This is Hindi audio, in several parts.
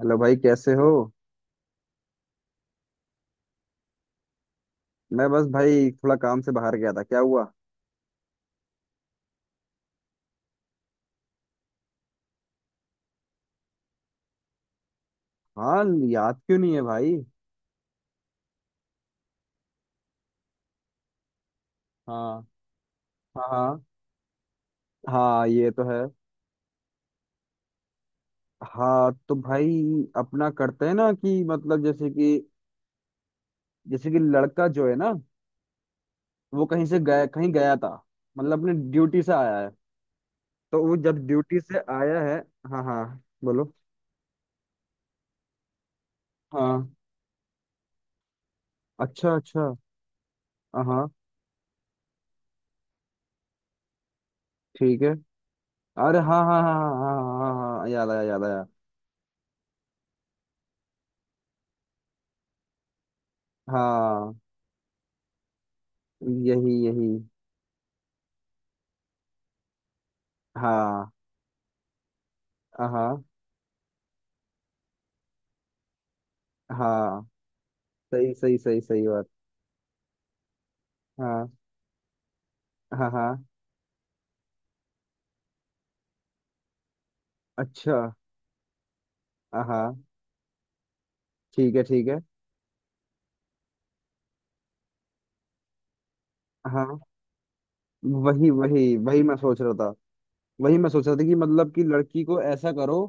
हेलो भाई, कैसे हो। मैं बस भाई थोड़ा काम से बाहर गया था। क्या हुआ। हाँ। याद क्यों नहीं है भाई। हाँ हाँ, हाँ। हाँ, ये तो है। हाँ तो भाई अपना करते हैं ना कि मतलब जैसे कि लड़का जो है ना, वो कहीं से गया, कहीं गया था। मतलब अपने ड्यूटी से आया है, तो वो जब ड्यूटी से आया है। हाँ, हाँ, बोलो। हाँ। अच्छा, अच्छा। हाँ, हाँ। ठीक है। अरे हाँ हाँ हाँ हाँ हाँ हाँ हाँ हाँ, याद आया, याद आया। हाँ। यही यही। हाँ, हाँ, हाँ, सही सही सही सही बात। हाँ, हाँ, हाँ। अच्छा। हाँ। ठीक है, ठीक है। हाँ। वही वही वही मैं सोच रहा था। वही मैं सोच रहा था कि मतलब कि लड़की को ऐसा करो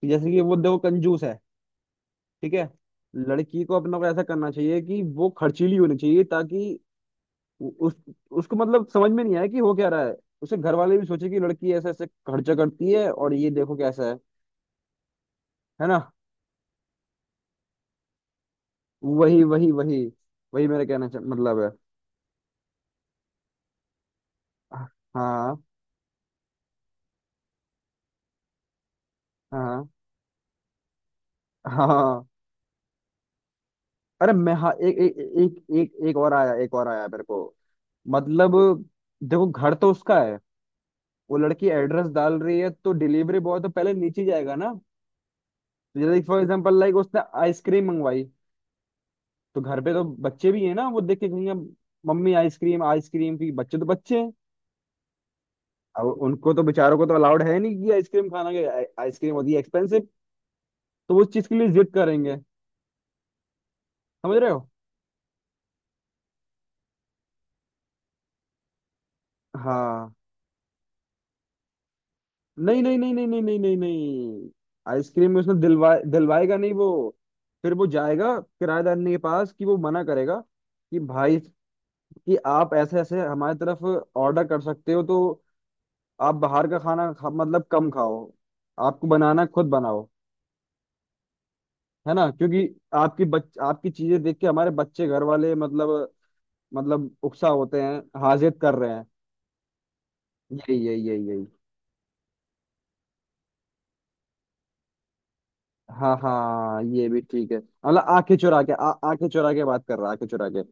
कि जैसे कि वो देखो कंजूस है। ठीक है। लड़की को अपना को ऐसा करना चाहिए कि वो खर्चीली होनी चाहिए ताकि उ- उस उसको मतलब समझ में नहीं आए कि हो क्या रहा है। उसे घर वाले भी सोचे कि लड़की ऐसे ऐसे खर्चा करती है और ये देखो कैसा है ना। वही वही वही वही मेरा मतलब है। हाँ, हाँ, हाँ। अरे मैं हाँ, एक एक एक एक एक और आया, एक और आया मेरे को। मतलब देखो घर तो उसका है। वो लड़की एड्रेस डाल रही है, तो डिलीवरी बॉय तो पहले नीचे जाएगा ना। जैसे फॉर एग्जांपल लाइक उसने आइसक्रीम मंगवाई, तो घर पे तो बच्चे भी हैं ना, वो देख के कहेंगे मम्मी आइसक्रीम आइसक्रीम की। बच्चे तो बच्चे हैं। अब उनको तो बेचारों को तो अलाउड है नहीं कि आइसक्रीम खाना, कि आइसक्रीम होती है एक्सपेंसिव। तो वो उस चीज के लिए जिद करेंगे। समझ रहे हो। हाँ। नहीं नहीं नहीं नहीं नहीं नहीं नहीं नहीं। आइसक्रीम में उसने दिलवाएगा नहीं वो। फिर वो जाएगा किराएदारनी के पास कि वो मना करेगा कि भाई कि आप ऐसे ऐसे हमारी तरफ ऑर्डर कर सकते हो तो आप बाहर का खाना खा, मतलब कम खाओ। आपको बनाना है, खुद बनाओ। है ना, क्योंकि आपकी चीजें देख के हमारे बच्चे घर वाले मतलब मतलब उकसा होते हैं, हाजिर कर रहे हैं। यही यही यही यही। हाँ, हाँ, ये भी ठीक है। मतलब आंखें चुरा के आंखें चुरा के बात कर रहा है, आंखें चुरा के।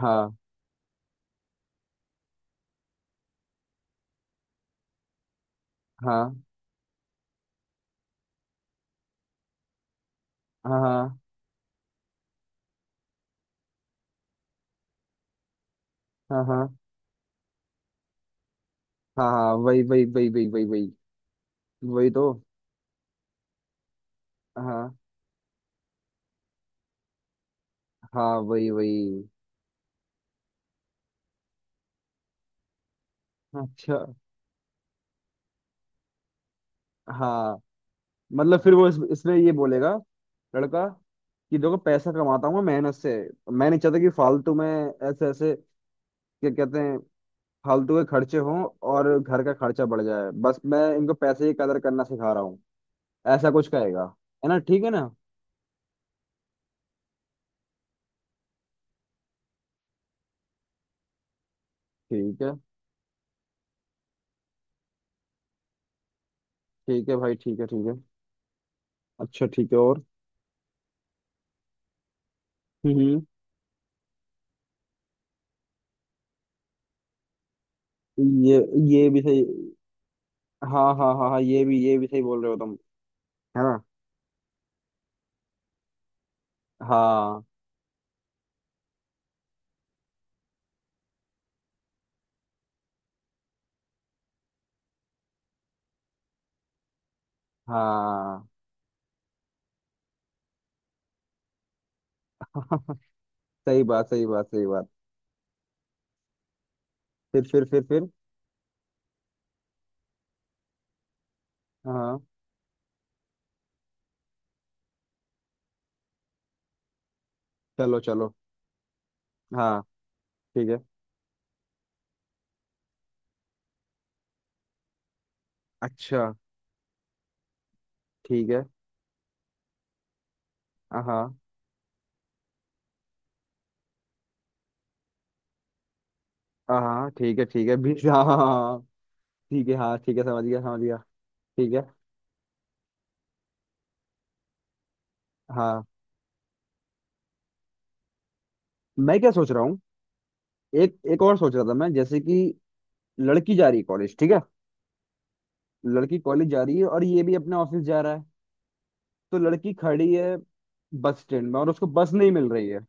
हाँ हाँ हाँ हाँ हाँ हाँ हाँ हाँ, वही वही वही वही वही वही। वही तो। हाँ, हाँ। वही वही। अच्छा। हाँ। मतलब फिर वो इसमें ये बोलेगा लड़का, कि देखो पैसा कमाता हूँ मैं मेहनत से। मैं नहीं चाहता कि फालतू में ऐसे ऐसे क्या कहते हैं, फालतू के खर्चे हों और घर का खर्चा बढ़ जाए। बस मैं इनको पैसे की कदर करना सिखा रहा हूँ। ऐसा कुछ कहेगा। है ना, ठीक है ना। ठीक है, ठीक है भाई, ठीक है, ठीक है। अच्छा ठीक है। और। हम्म ये ये भी सही। हाँ हाँ हाँ हाँ, ये भी सही बोल रहे हो तुम। है ना। हाँ, हाँ। सही बात, सही बात, सही बात। फिर। हाँ। चलो चलो। हाँ। ठीक है। अच्छा। ठीक है। हाँ, हाँ। ठीक है, ठीक है, 20 हाँ हाँ हाँ, ठीक है, हाँ ठीक है, समझ गया, समझ गया। ठीक है। हाँ। मैं क्या सोच रहा हूँ। एक एक और सोच रहा था मैं, जैसे कि लड़की जा रही है कॉलेज, ठीक है। लड़की कॉलेज जा रही है और ये भी अपने ऑफिस जा रहा है। तो लड़की खड़ी है बस स्टैंड में और उसको बस नहीं मिल रही है।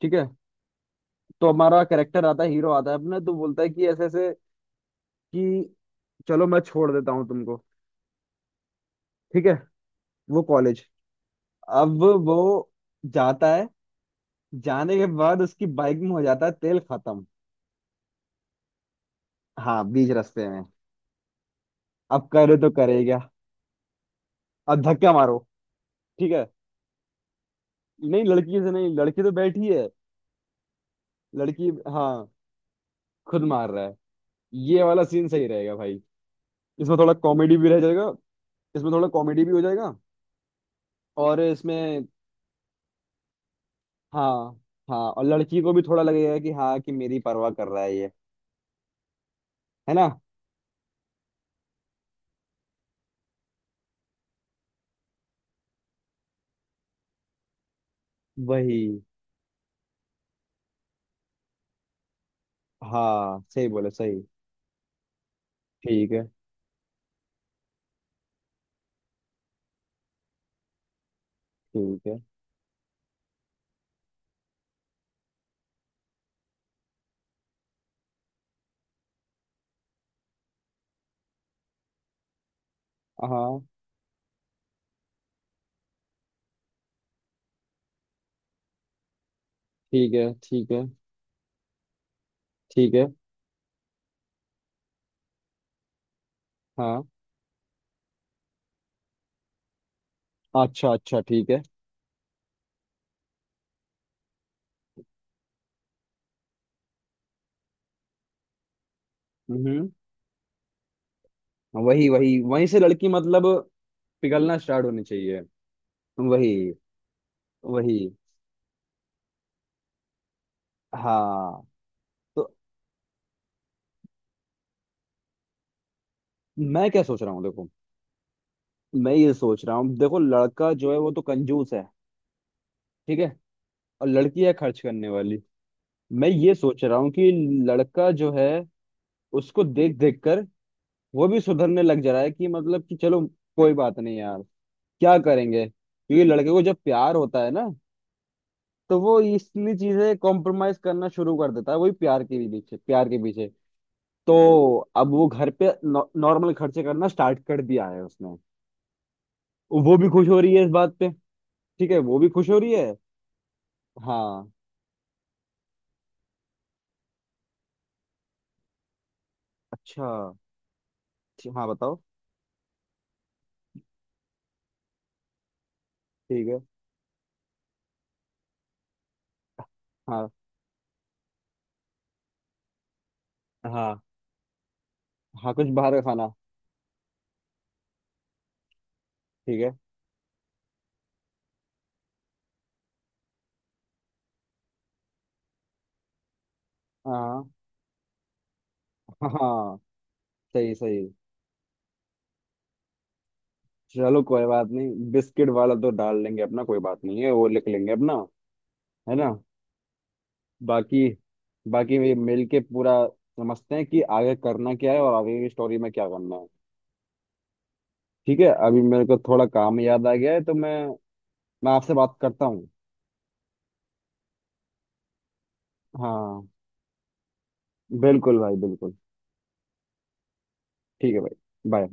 ठीक है। तो हमारा कैरेक्टर आता है, हीरो आता है अपना, तो बोलता है कि ऐसे ऐसे कि चलो मैं छोड़ देता हूँ तुमको। ठीक है। वो कॉलेज। अब वो जाता है, जाने के बाद उसकी बाइक में हो जाता है तेल खत्म। हाँ, बीच रास्ते में। अब करे तो करेगा। अब धक्का मारो। ठीक है। नहीं, लड़की से नहीं, लड़की तो बैठी है। लड़की हाँ। खुद मार रहा है। ये वाला सीन सही रहेगा भाई। इसमें थोड़ा कॉमेडी भी रह जाएगा। इसमें थोड़ा कॉमेडी भी हो जाएगा। और इसमें। हाँ, हाँ, और लड़की को भी थोड़ा लगेगा कि हाँ कि मेरी परवाह कर रहा है ये, है ना। वही। हाँ, सही बोले, सही। ठीक है, ठीक है। हाँ। ठीक है। ठीक है, ठीक है। हाँ। अच्छा, अच्छा, ठीक है। हम्म वही वही, वहीं से लड़की मतलब पिघलना स्टार्ट होनी चाहिए। वही वही। हाँ। तो मैं क्या सोच रहा हूँ, देखो। मैं ये सोच रहा हूँ देखो, लड़का जो है वो तो कंजूस है, ठीक है। और लड़की है खर्च करने वाली। मैं ये सोच रहा हूँ कि लड़का जो है उसको देख देख कर वो भी सुधरने लग जा रहा है। कि मतलब कि चलो कोई बात नहीं यार, क्या करेंगे। क्योंकि लड़के को जब प्यार होता है ना, तो वो इतनी चीजें कॉम्प्रोमाइज करना शुरू कर देता है, वही प्यार के भी पीछे, प्यार के पीछे। तो अब वो घर पे नॉर्मल खर्चे करना स्टार्ट कर दिया है उसने। वो भी खुश हो रही है इस बात पे। ठीक है, वो भी खुश हो रही है। हाँ। अच्छा। हाँ, बताओ। ठीक है। हाँ। हाँ। हाँ, कुछ बाहर का खाना। ठीक है। हाँ, हाँ। सही, सही। चलो कोई बात नहीं, बिस्किट वाला तो डाल लेंगे अपना। कोई बात नहीं है, वो लिख लेंगे अपना। है ना। बाकी, बाकी ये मिल के पूरा समझते हैं कि आगे करना क्या है और आगे की स्टोरी में क्या करना है। ठीक है, अभी मेरे को थोड़ा काम याद आ गया है, तो मैं आपसे बात करता हूँ। हाँ, बिल्कुल भाई, बिल्कुल। ठीक है भाई। बाय।